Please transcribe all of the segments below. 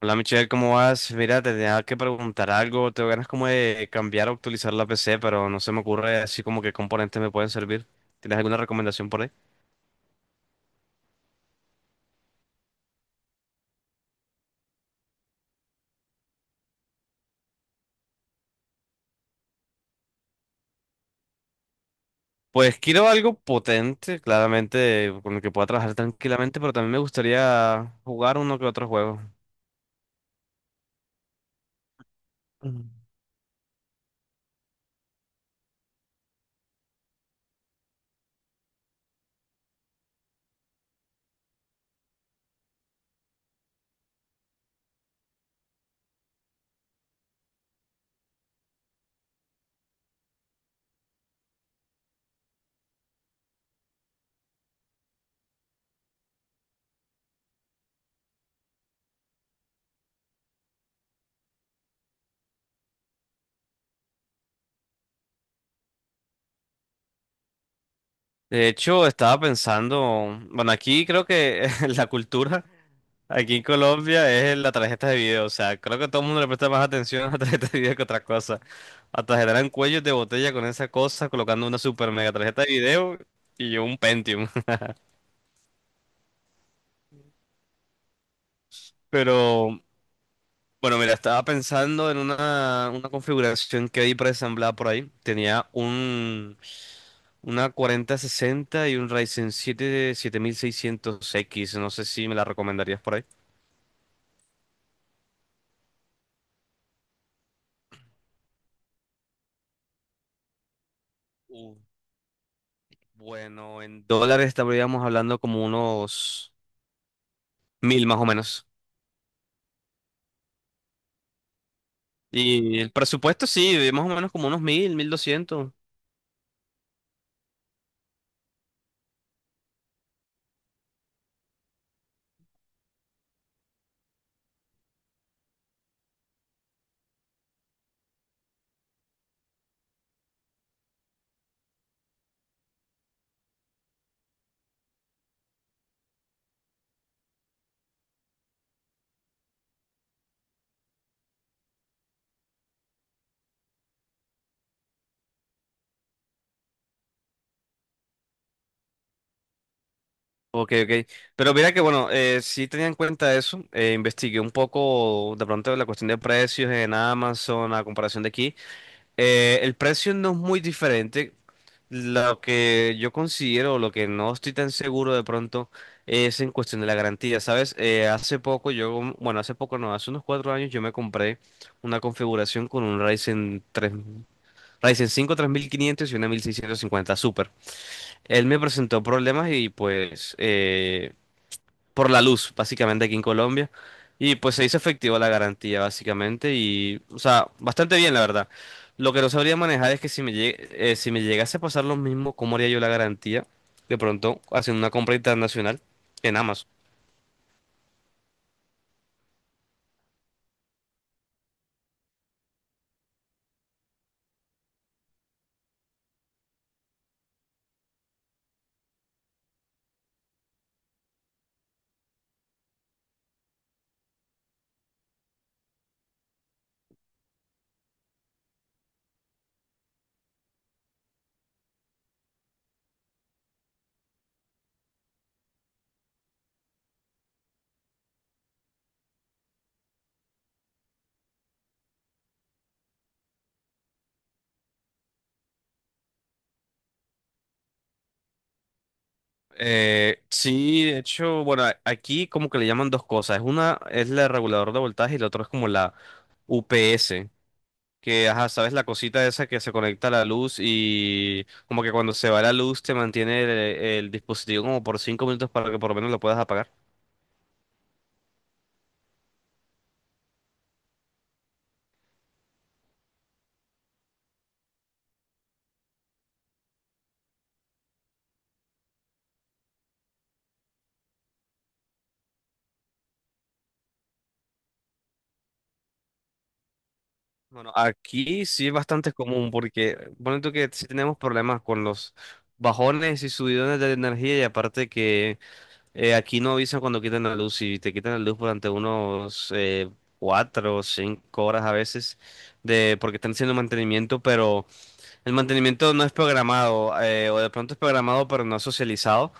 Hola Michelle, ¿cómo vas? Mira, te tenía que preguntar algo. Tengo ganas como de cambiar o actualizar la PC, pero no se me ocurre así como qué componentes me pueden servir. ¿Tienes alguna recomendación por ahí? Pues quiero algo potente, claramente, con el que pueda trabajar tranquilamente, pero también me gustaría jugar uno que otro juego. Ujú. De hecho, estaba pensando, bueno, aquí creo que la cultura, aquí en Colombia, es la tarjeta de video. O sea, creo que todo el mundo le presta más atención a la tarjeta de video que a otra cosa. Hasta generan cuellos de botella con esa cosa, colocando una super mega tarjeta de video y yo un Pentium. Pero, bueno, mira, estaba pensando en una configuración que hay preasamblada por ahí. Tenía una 4060 y un Ryzen 7 7600X. No sé si me la recomendarías por ahí. Bueno, en dólares estaríamos hablando como unos 1000 más o menos. Y el presupuesto sí, más o menos como unos 1000, 1200. Ok, ok. Pero mira que bueno, sí tenía en cuenta eso. Investigué un poco de pronto la cuestión de precios en Amazon a comparación de aquí. El precio no es muy diferente. Lo que yo considero, lo que no estoy tan seguro de pronto, es en cuestión de la garantía, ¿sabes? Hace poco yo, bueno, hace poco no, hace unos 4 años yo me compré una configuración con un Ryzen 3, Ryzen 5 3500 y una 1650 Super. Él me presentó problemas y pues por la luz, básicamente aquí en Colombia. Y pues se hizo efectiva la garantía, básicamente, y, o sea, bastante bien, la verdad. Lo que no sabría manejar es que si me llegase a pasar lo mismo, ¿cómo haría yo la garantía? De pronto, haciendo una compra internacional en Amazon. Sí, de hecho, bueno, aquí como que le llaman dos cosas. Es una es el regulador de voltaje y la otra es como la UPS. Que, ajá, sabes la cosita esa que se conecta a la luz y como que cuando se va la luz te mantiene el dispositivo como por 5 minutos para que por lo menos lo puedas apagar. Bueno, aquí sí es bastante común porque, bueno, tú que sí tenemos problemas con los bajones y subidones de energía y aparte que aquí no avisan cuando quitan la luz y te quitan la luz durante unos 4 o 5 horas a veces de porque están haciendo mantenimiento, pero el mantenimiento no es programado, o de pronto es programado pero no es socializado.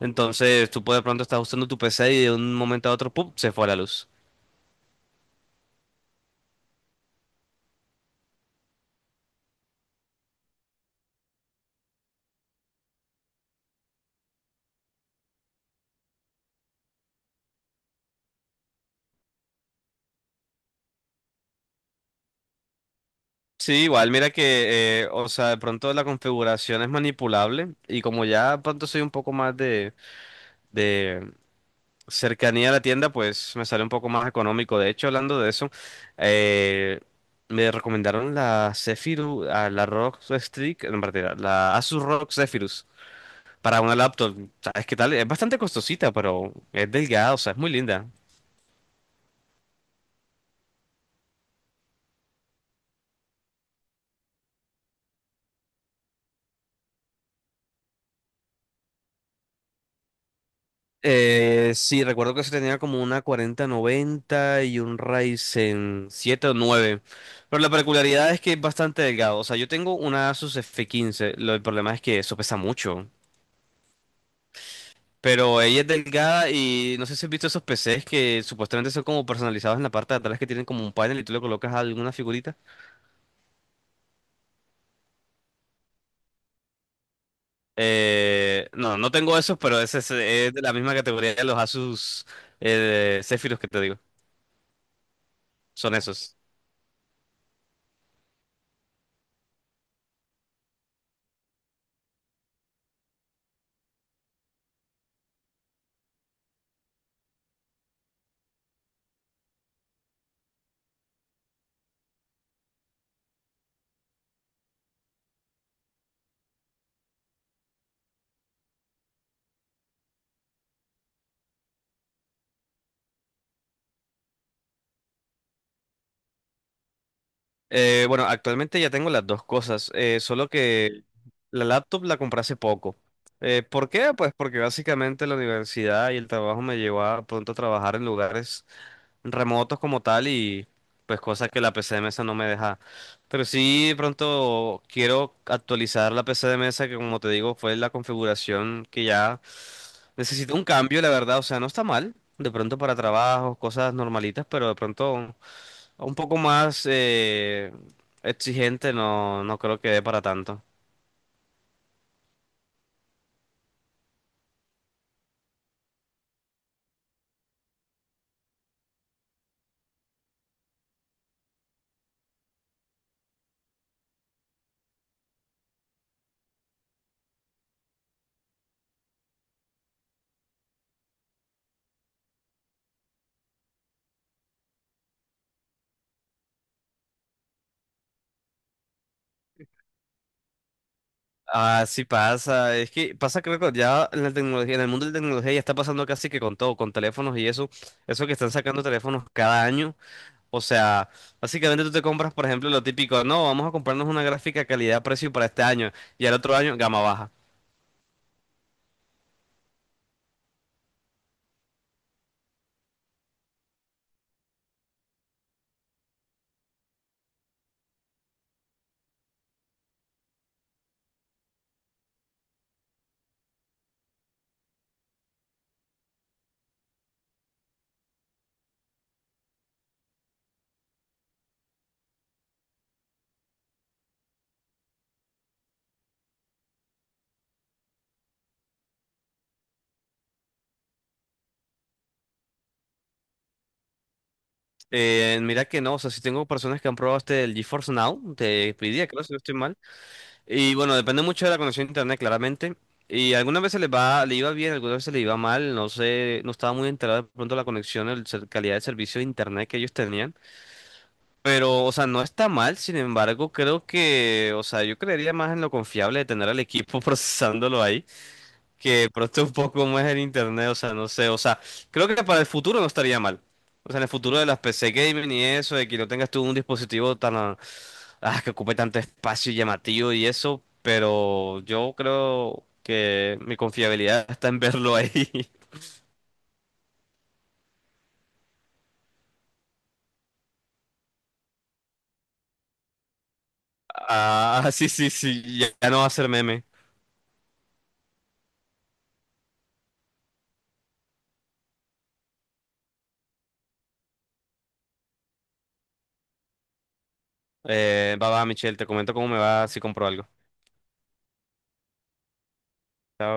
Entonces tú puedes de pronto estás usando tu PC y de un momento a otro, ¡pum!, se fue la luz. Sí, igual, mira que, o sea, de pronto la configuración es manipulable y como ya de pronto soy un poco más de, cercanía a la tienda, pues me sale un poco más económico. De hecho, hablando de eso, eh, me recomendaron la Zephyrus, ah, la ROG Strix, en verdad, la Asus ROG Zephyrus. Para una laptop, ¿sabes qué tal? Es bastante costosita, pero es delgada, o sea, es muy linda. Sí, recuerdo que se tenía como una 4090 y un Ryzen 7 o 9, pero la peculiaridad es que es bastante delgado. O sea, yo tengo una Asus F15, el problema es que eso pesa mucho, pero ella es delgada y no sé si has visto esos PCs que supuestamente son como personalizados en la parte de atrás que tienen como un panel y tú le colocas alguna figurita. No, no tengo esos, pero ese es de la misma categoría de los Asus Zephyrus que te digo. Son esos. Bueno, actualmente ya tengo las dos cosas, solo que la laptop la compré hace poco. ¿Por qué? Pues porque básicamente la universidad y el trabajo me llevó a pronto a trabajar en lugares remotos como tal y pues cosas que la PC de mesa no me deja. Pero sí, de pronto quiero actualizar la PC de mesa que como te digo fue la configuración que ya necesito un cambio, la verdad. O sea, no está mal. De pronto para trabajos, cosas normalitas, pero de pronto un poco más exigente no, no creo que dé para tanto. Ah, sí pasa. Es que pasa, creo que ya en la tecnología, en el mundo de la tecnología ya está pasando casi que con todo, con teléfonos y eso. Eso que están sacando teléfonos cada año. O sea, básicamente tú te compras, por ejemplo, lo típico, no, vamos a comprarnos una gráfica calidad-precio para este año y al otro año gama baja. Mira que no, o sea, si tengo personas que han probado este el GeForce Now, te pedía, creo, si no estoy mal. Y bueno, depende mucho de la conexión a internet, claramente. Y algunas veces le va, le iba bien, algunas veces le iba mal, no sé, no estaba muy enterado de pronto la conexión, calidad de servicio de internet que ellos tenían. Pero, o sea, no está mal, sin embargo, creo que, o sea, yo creería más en lo confiable de tener al equipo procesándolo ahí, que de pronto un poco como es el internet, o sea, no sé, o sea, creo que para el futuro no estaría mal. O sea, en el futuro de las PC gaming y eso, de que no tengas tú un dispositivo tan que ocupe tanto espacio y llamativo y eso, pero yo creo que mi confiabilidad está en verlo ahí. Ah, sí, sí, sí, ya, ya no va a ser meme. Va, va, Michelle, te comento cómo me va si compro algo. Chao.